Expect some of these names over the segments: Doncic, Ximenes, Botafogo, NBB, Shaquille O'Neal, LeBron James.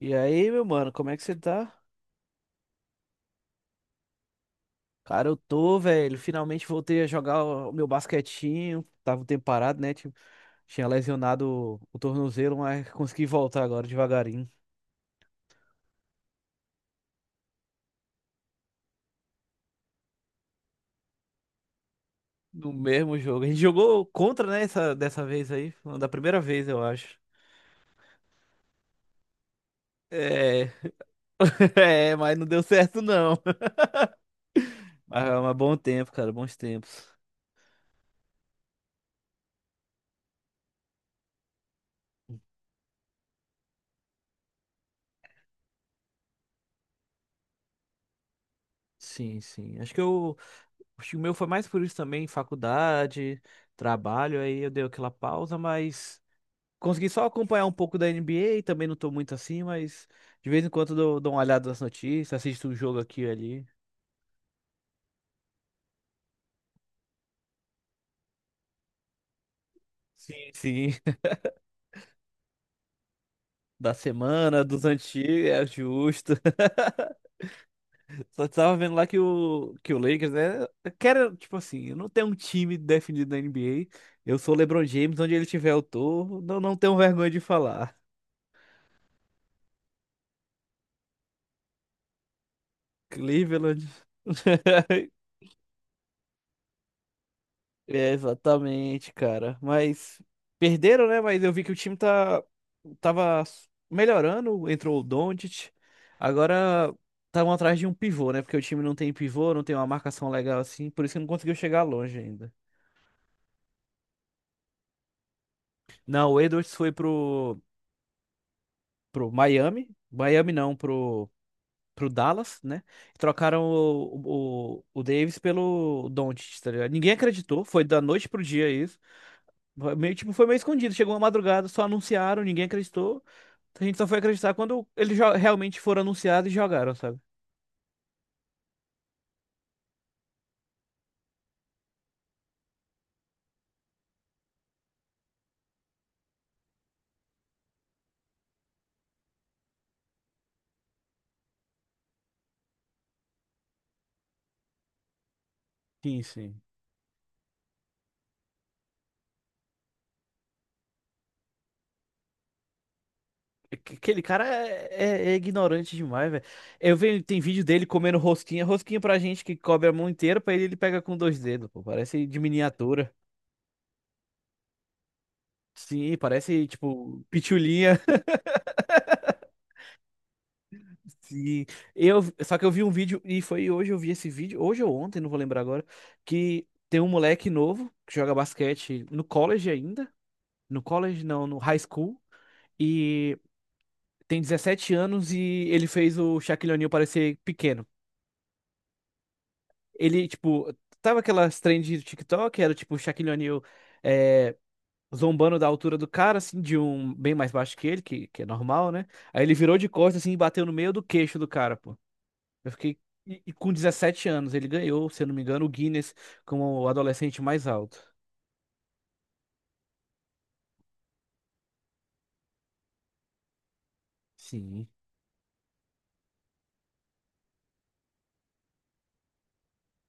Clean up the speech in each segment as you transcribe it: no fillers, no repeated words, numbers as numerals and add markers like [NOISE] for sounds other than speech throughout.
E aí, meu mano, como é que você tá? Cara, eu tô, velho. Finalmente voltei a jogar o meu basquetinho. Tava um tempo parado, né? Tipo, tinha lesionado o tornozelo, mas consegui voltar agora devagarinho. No mesmo jogo. A gente jogou contra, né? Essa, dessa vez aí. Foi uma Da primeira vez, eu acho. É, [LAUGHS] é, mas não deu certo, não. [LAUGHS] Mas bom tempo, cara. Bons tempos. Sim, sim. Acho que o meu foi mais por isso também, faculdade, trabalho. Aí eu dei aquela pausa, mas consegui só acompanhar um pouco da NBA, também não tô muito assim, mas de vez em quando eu dou uma olhada nas notícias, assisto um jogo aqui e ali. Sim, sim, [LAUGHS] da semana, dos antigos, é justo. [LAUGHS] Só tava vendo lá que o Lakers, né? Tipo assim, eu não tenho um time definido na NBA. Eu sou o LeBron James, onde ele tiver eu tô. Não, não tenho vergonha de falar. Cleveland. [LAUGHS] É, exatamente, cara. Mas perderam, né? Mas eu vi que o time tava melhorando, entrou o Doncic. Agora estavam atrás de um pivô, né? Porque o time não tem pivô, não tem uma marcação legal assim, por isso que não conseguiu chegar longe ainda. Não, o Edwards foi pro pro Miami, Miami não, pro pro Dallas, né? Trocaram o Davis pelo Doncic, tá ligado? Ninguém acreditou, foi da noite pro dia isso. Tipo, foi meio escondido. Chegou uma madrugada, só anunciaram, ninguém acreditou. A gente só foi acreditar quando eles realmente foram anunciados e jogaram, sabe? Sim, sim. É. Aquele cara é ignorante demais, velho. Eu vejo, tem vídeo dele comendo rosquinha. Rosquinha pra gente que cobre a mão inteira, pra ele pega com dois dedos, pô. Parece de miniatura. Sim, parece, tipo, pitulinha. [LAUGHS] Sim. Só que eu vi um vídeo, e foi hoje eu vi esse vídeo, hoje ou ontem, não vou lembrar agora, que tem um moleque novo que joga basquete no college ainda. No college, não, no high school, e tem 17 anos e ele fez o Shaquille O'Neal parecer pequeno. Ele, tipo, tava aquelas trends do TikTok, era tipo o Shaquille O'Neal é, zombando da altura do cara, assim, de um bem mais baixo que ele, que é normal, né? Aí ele virou de costas, assim, e bateu no meio do queixo do cara, pô. Eu fiquei. E com 17 anos, ele ganhou, se eu não me engano, o Guinness como o adolescente mais alto. Sim.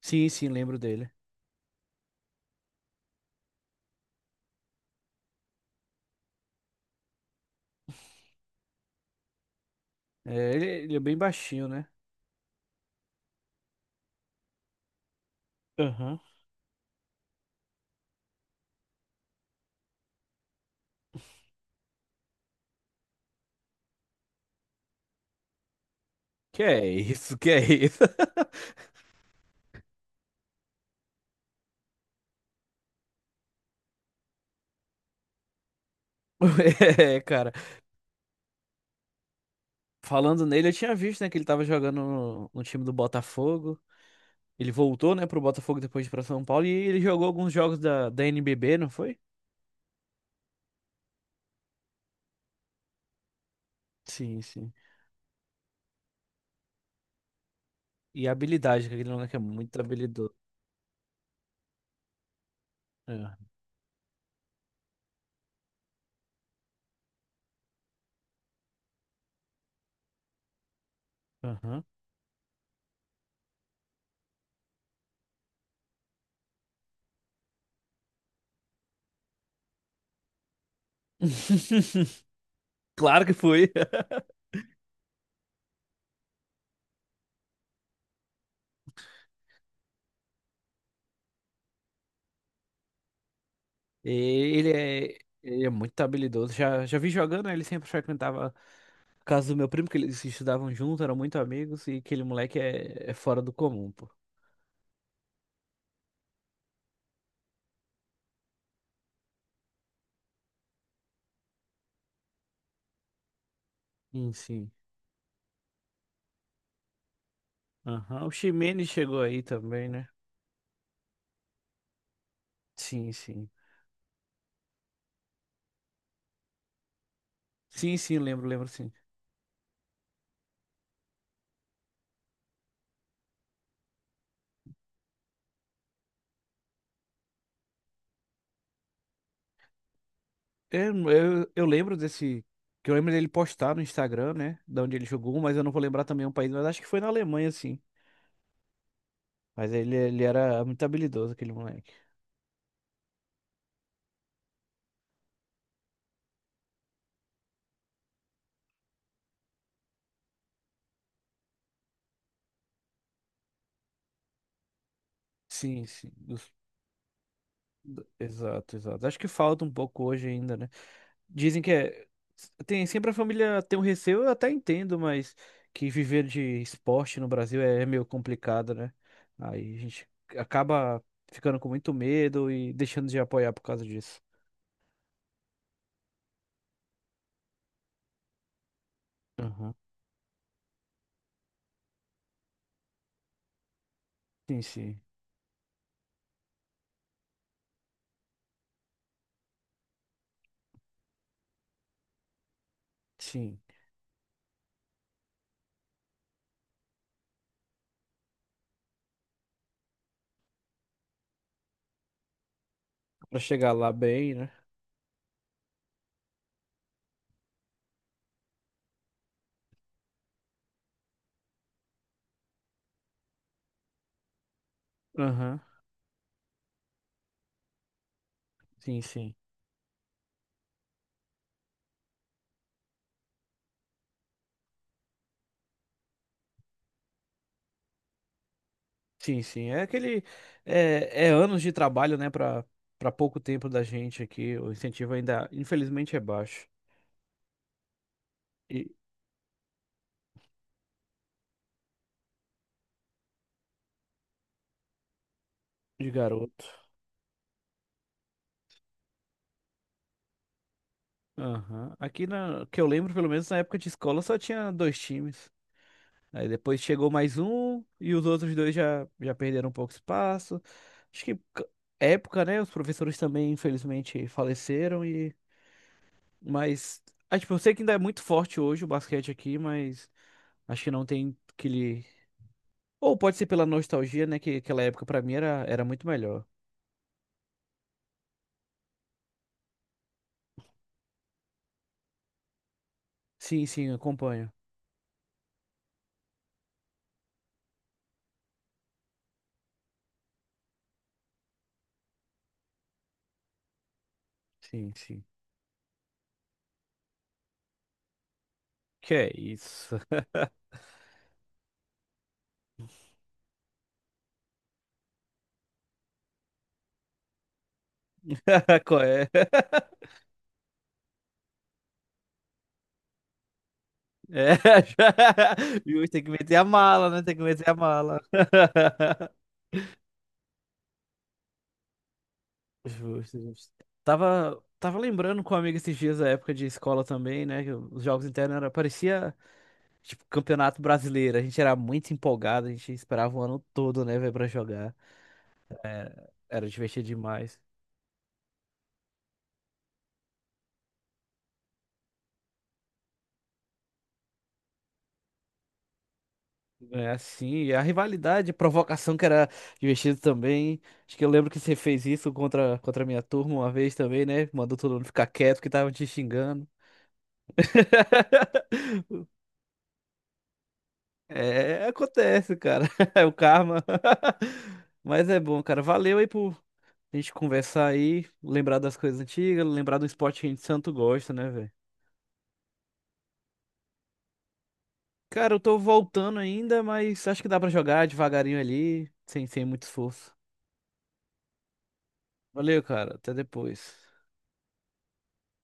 Sim, sim, lembro dele. É, ele é bem baixinho, né? Aham. Que é isso, que é isso? [LAUGHS] É, cara. Falando nele, eu tinha visto, né, que ele tava jogando no time do Botafogo. Ele voltou, né, pro Botafogo depois de ir pra São Paulo e ele jogou alguns jogos da NBB, não foi? Sim, sim. E a habilidade, que aquele moleque é muito habilidoso. É. Aham. [LAUGHS] Claro que foi. [LAUGHS] Ele é muito habilidoso. Já, já vi jogando, né, ele sempre frequentava a casa do meu primo, que eles estudavam junto, eram muito amigos, e aquele moleque é fora do comum, pô. Sim, sim. Aham. O Ximenes chegou aí também, né? Sim, sim. Sim, sim, lembro, lembro, sim. Eu lembro desse. Que eu lembro dele postar no Instagram, né? Da onde ele jogou, mas eu não vou lembrar também o país, mas acho que foi na Alemanha, sim. Mas ele era muito habilidoso, aquele moleque. Sim, sim. Exato, exato. Acho que falta um pouco hoje ainda, né? Dizem que é. Sempre a família tem um receio, eu até entendo, mas que viver de esporte no Brasil é meio complicado, né? Aí a gente acaba ficando com muito medo e deixando de apoiar por causa disso. Aham. Sim, sim, sim. Pra chegar lá bem, né? Aham, sim, sim. Sim, sim. É aquele. É anos de trabalho, né? Pra pouco tempo da gente aqui. O incentivo ainda, infelizmente, é baixo. E de garoto. Aham. Que eu lembro, pelo menos na época de escola, só tinha dois times. Aí depois chegou mais um e os outros dois já, já perderam um pouco espaço. Acho que época, né? Os professores também, infelizmente, faleceram e mas, ah, tipo, eu sei que ainda é muito forte hoje o basquete aqui, mas acho que não tem aquele. Ou pode ser pela nostalgia, né? Que aquela época pra mim era muito melhor. Sim, sim, eu acompanho. Sim, sim. Que é isso? [LAUGHS] Qual é? É, [LAUGHS] já- justo, tem que meter a mala, né? Tem que meter a mala. [LAUGHS] Justo, justo. Tava lembrando com um amigo esses dias da época de escola também, né? Que os jogos internos era, parecia. Tipo, Campeonato Brasileiro, a gente era muito empolgado, a gente esperava o ano todo, né, velho, pra jogar. Era divertido demais. É assim, e a rivalidade, a provocação que era divertido também. Acho que eu lembro que você fez isso contra a minha turma uma vez também, né? Mandou todo mundo ficar quieto que tava te xingando. [LAUGHS] É, acontece, cara. [LAUGHS] É o karma. [LAUGHS] Mas é bom, cara. Valeu aí por a gente conversar aí, lembrar das coisas antigas, lembrar do esporte que a gente tanto gosta, né, velho? Cara, eu tô voltando ainda, mas acho que dá pra jogar devagarinho ali, sem muito esforço. Valeu, cara. Até depois.